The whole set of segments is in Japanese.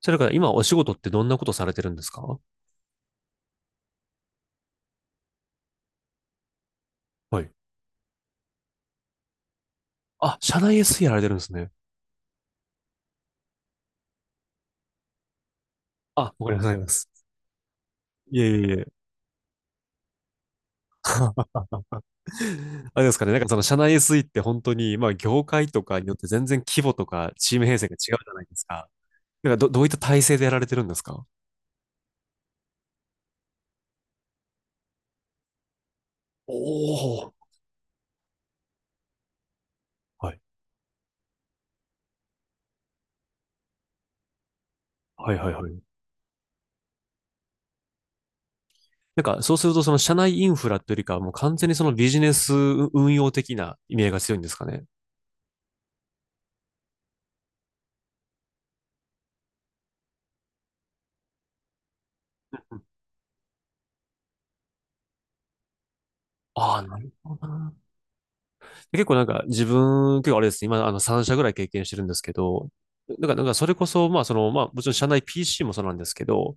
それから今お仕事ってどんなことされてるんですか？はい。あ、社内 SE やられてるんですね。あ、わかりまいます。いえいえいえ。あれですかね。なんかその社内 SE って本当に、まあ業界とかによって全然規模とかチーム編成が違うじゃないですか。なんか、どういった体制でやられてるんですか？おおー。はい。はいはいはい。なんかそうするとその社内インフラというよりかはもう完全にそのビジネス運用的な意味合いが強いんですかね。ああ、なるほどな。結構なんか自分、結構あれですね、今あの3社ぐらい経験してるんですけど、だからなんかそれこそ、まあその、まあもちろん社内 PC もそうなんですけど、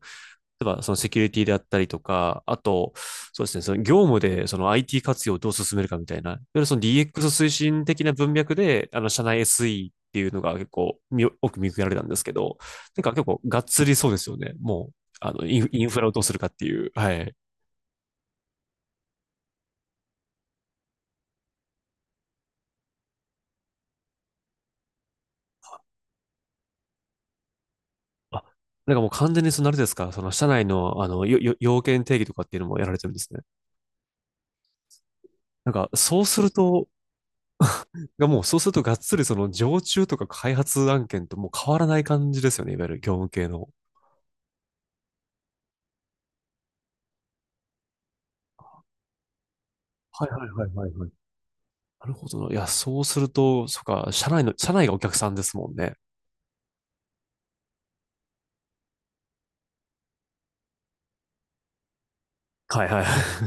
例えばそのセキュリティであったりとか、あと、そうですね、その業務でその IT 活用をどう進めるかみたいな、いわゆるその DX 推進的な文脈で、あの社内 SE っていうのが結構み奥見受けられたんですけど、なんか結構がっつりそうですよね。もう、あのインフラをどうするかっていう。はい。あ、なんかもう完全にそのあれですか、その社内の、あの、要件定義とかっていうのもやられてるんですね。なんか、そうすると、がもうそうするとがっつりその常駐とか開発案件ともう変わらない感じですよね、いわゆる業務系の。はいはいはいはいはい。なるほどな。いや、そうすると、そっか、社内の、社内がお客さんですもんね。はいはいはい。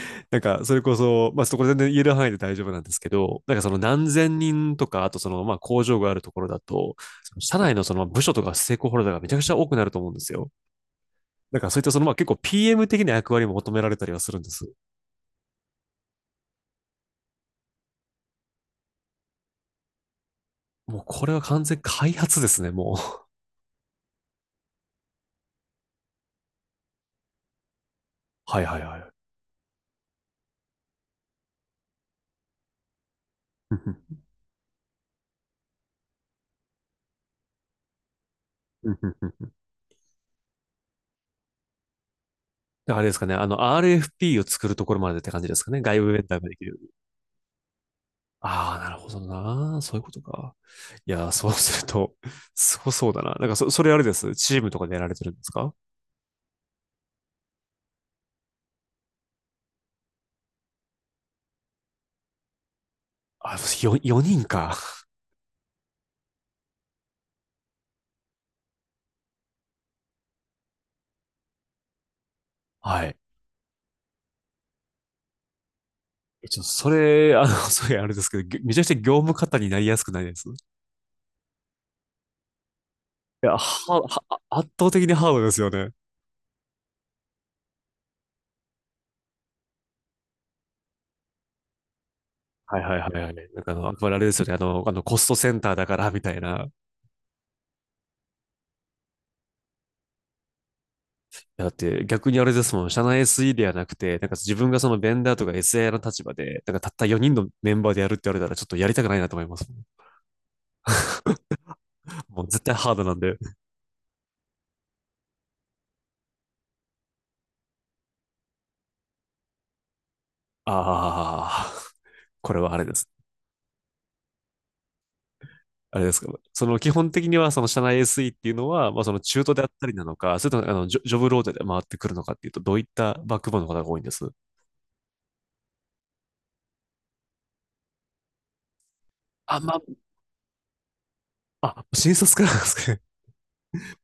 なんか、それこそ、まあ、そこれ全然言える範囲で大丈夫なんですけど、なんかその何千人とか、あとその、まあ、工場があるところだと、その社内のその部署とかステークホルダーがめちゃくちゃ多くなると思うんですよ。だからそういったそのまあ結構 PM 的な役割も求められたりはするんです。もうこれは完全開発ですね、もう。はいはいはい。うんうんうん。あれですかね、あの RFP を作るところまでって感じですかね、外部ベンダーができるように。ああ、なるほどな。そういうことか。いやー、そうすると、すごそうだな。なんか、それあれです。チームとかでやられてるんですか？あ、4、四人か。はい。ちょっとそれ、あの、それあれですけど、めちゃくちゃ業務方になりやすくないですいや、圧倒的にハードですよね。はいはいはいはい。なんかあの、やっぱりあれですよね。あの、コストセンターだから、みたいな。だって逆にあれですもん。社内 SE ではなくて、なんか自分がそのベンダーとか SI の立場で、なんかたった4人のメンバーでやるって言われたら、ちょっとやりたくないなと思いますもん。もう絶対ハードなんで。ああ、これはあれです。あれですか。その基本的にはその社内 SE っていうのは、まあその中途であったりなのか、それともあのジョブローテで回ってくるのかっていうと、どういったバックボーンの方が多いんです？あ、まあ、あ、新卒からなんですかね？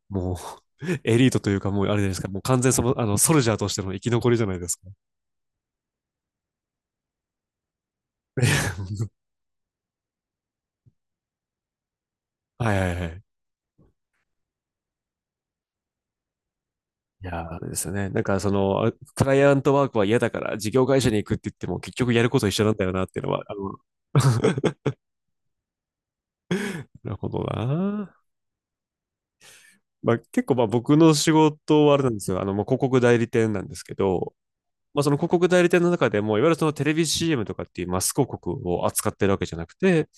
もう、エリートというか、もうあれじゃないですか、もう完全その、あの、ソルジャーとしての生き残りじゃないですか。はいはいはい。いやー、あれですよね。なんか、その、クライアントワークは嫌だから、事業会社に行くって言っても、結局やること一緒なんだよなっていうのは、あの、なるほどな。まあ、結構、まあ、僕の仕事はあれなんですよ。あの、まあ、広告代理店なんですけど、まあ、その広告代理店の中でも、いわゆるそのテレビ CM とかっていうマス広告を扱ってるわけじゃなくて、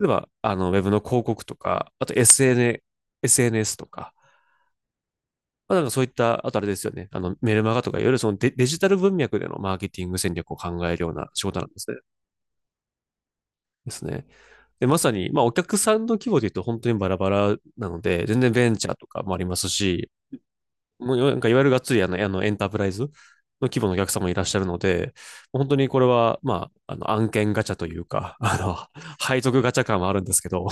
例えば、あの、ウェブの広告とか、あと SN、SNS とか、まあ、なんかそういった、あとあれですよね、あの、メルマガとか、いわゆるそのデジタル文脈でのマーケティング戦略を考えるような仕事なんですね。ですね。で、まさに、まあ、お客さんの規模で言うと本当にバラバラなので、全然ベンチャーとかもありますし、もうなんかいわゆるがっつりあの、あのエンタープライズの規模のお客様もいらっしゃるので、本当にこれは、まあ、あの案件ガチャというか、あの、配属ガチャ感はあるんですけど、っ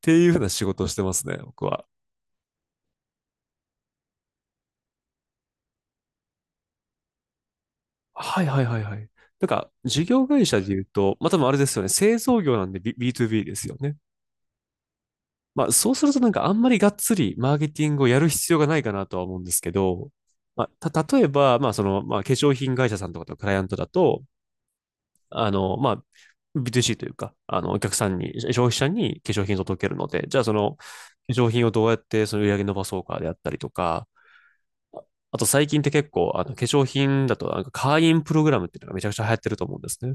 ていうふうな仕事をしてますね、僕は。はいはいはいはい。なんか、事業会社で言うと、まあ、多分あれですよね、製造業なんで B2B ですよね。まあ、そうするとなんかあんまりがっつりマーケティングをやる必要がないかなとは思うんですけど、まあ、た、例えば、まあ、その、まあ、化粧品会社さんとかとクライアントだと、あの、まあ、B2C というか、あの、お客さんに、消費者に化粧品を届けるので、じゃあその、化粧品をどうやってその売り上げ伸ばそうかであったりとか、あと最近って結構、あの、化粧品だと、なんか会員プログラムっていうのがめちゃくちゃ流行ってると思うんですね。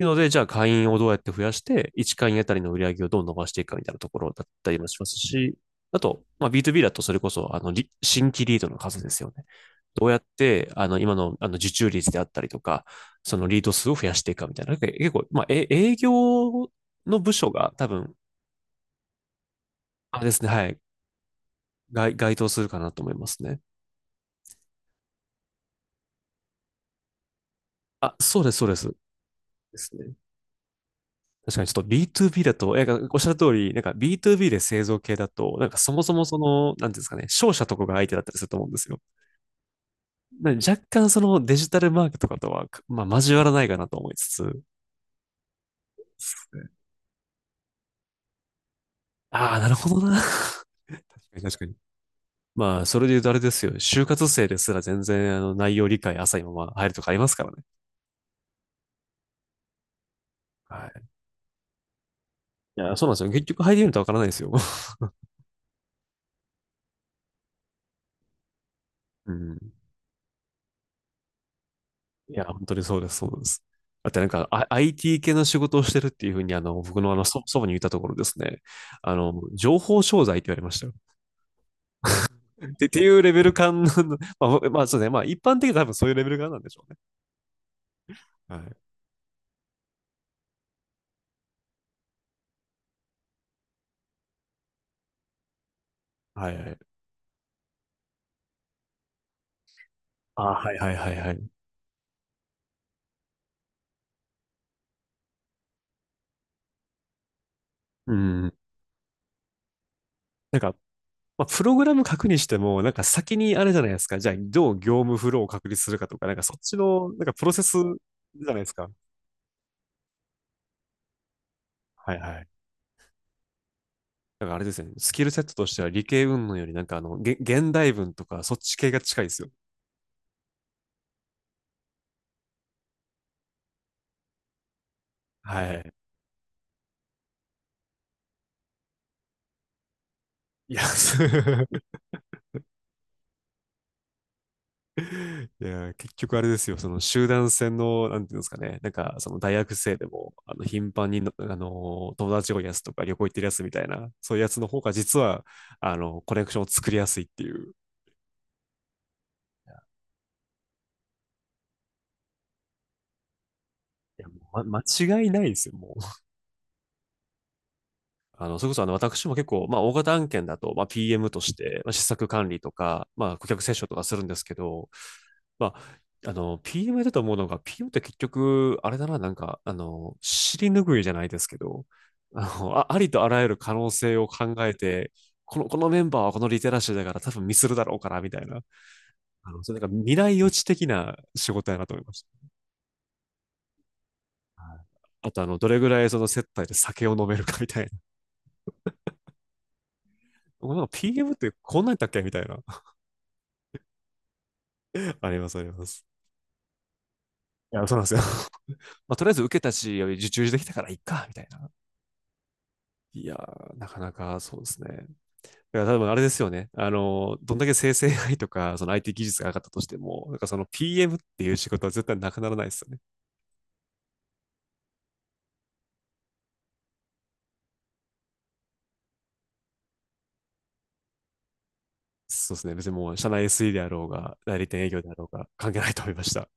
いうので、じゃあ会員をどうやって増やして、1会員あたりの売り上げをどう伸ばしていくかみたいなところだったりもしますし、あと、まあ、B2B だとそれこそ、あの、新規リードの数ですよね。どうやって、あの、今の、あの、受注率であったりとか、そのリード数を増やしていくかみたいな。結構、まあ、え営業の部署が多分、あれですね、はい、該当するかなと思いますね。あ、そうです、そうです。ですね。確かにちょっと B2B だと、え、かおっしゃる通り、なんか B2B で製造系だと、なんかそもそもその、なんていうんですかね、商社とかが相手だったりすると思うんですよ。なんで若干そのデジタルマーケとかとは、まあ交わらないかなと思いつつ、ああ、なるほどな。確かに確かに。まあ、それで言うとあれですよ。就活生ですら全然あの内容理解浅いまま入るとかありますからね。はい。いや、そうなんですよ。結局入りるとわからないですよ。うん。いや、本当にそうです、そうです。だってなんか、I、t 系の仕事をしてるっていうふうに、あの、僕のあの、そ祖母に言ったところですね、あの、情報商材って言われましたよ。ってっていうレベル感の、まあ、まあ、そうですね、まあ、一般的に多分そういうレベル感なんでしょうね。はい。はいはい。あ、はいはいはいはい。うん。なんか、まあ、プログラム書くにしても、なんか先にあれじゃないですか、じゃあ、どう業務フローを確立するかとか、なんかそっちの、なんかプロセスじゃないですか。はいはい。だからあれですね、スキルセットとしては理系云々よりなんかあの、げ現代文とかそっち系が近いですよ。はい。いや、いや、結局あれですよ、その集団戦の、なんていうんですかね、なんかその大学生でも、あの、頻繁にの、あの、友達多やつとか旅行行ってるやつみたいな、そういうやつの方が実は、あの、コネクションを作りやすいっていう。いや、もう間違いないですよ、もう。あの、それこそあの、私も結構、まあ、大型案件だと、まあ、PM として、まあ、施策管理とか、まあ、顧客接触とかするんですけど、まあ、あの、PM だと思うのが、PM って結局、あれだな、なんか、あの、尻拭いじゃないですけど、あの、ありとあらゆる可能性を考えて、このメンバーはこのリテラシーだから多分ミスるだろうから、みたいな。あの、それなんか未来予知的な仕事やなと思いました。はい。あと、あの、どれぐらいその接待で酒を飲めるかみたいな。なんか PM ってこんなんだったっけみたいな。あります、あります。いや、そうなんですよ。まあ、とりあえず受けたし、受注できたからいっか、みたいな。いやー、なかなかそうですね。だから多分あれですよね。あの、どんだけ生成 AI とか、その IT 技術が上がったとしても、なんかその PM っていう仕事は絶対なくならないですよね。そうですね。別にもう社内 SE であろうが、代理店営業であろうが、関係ないと思いました。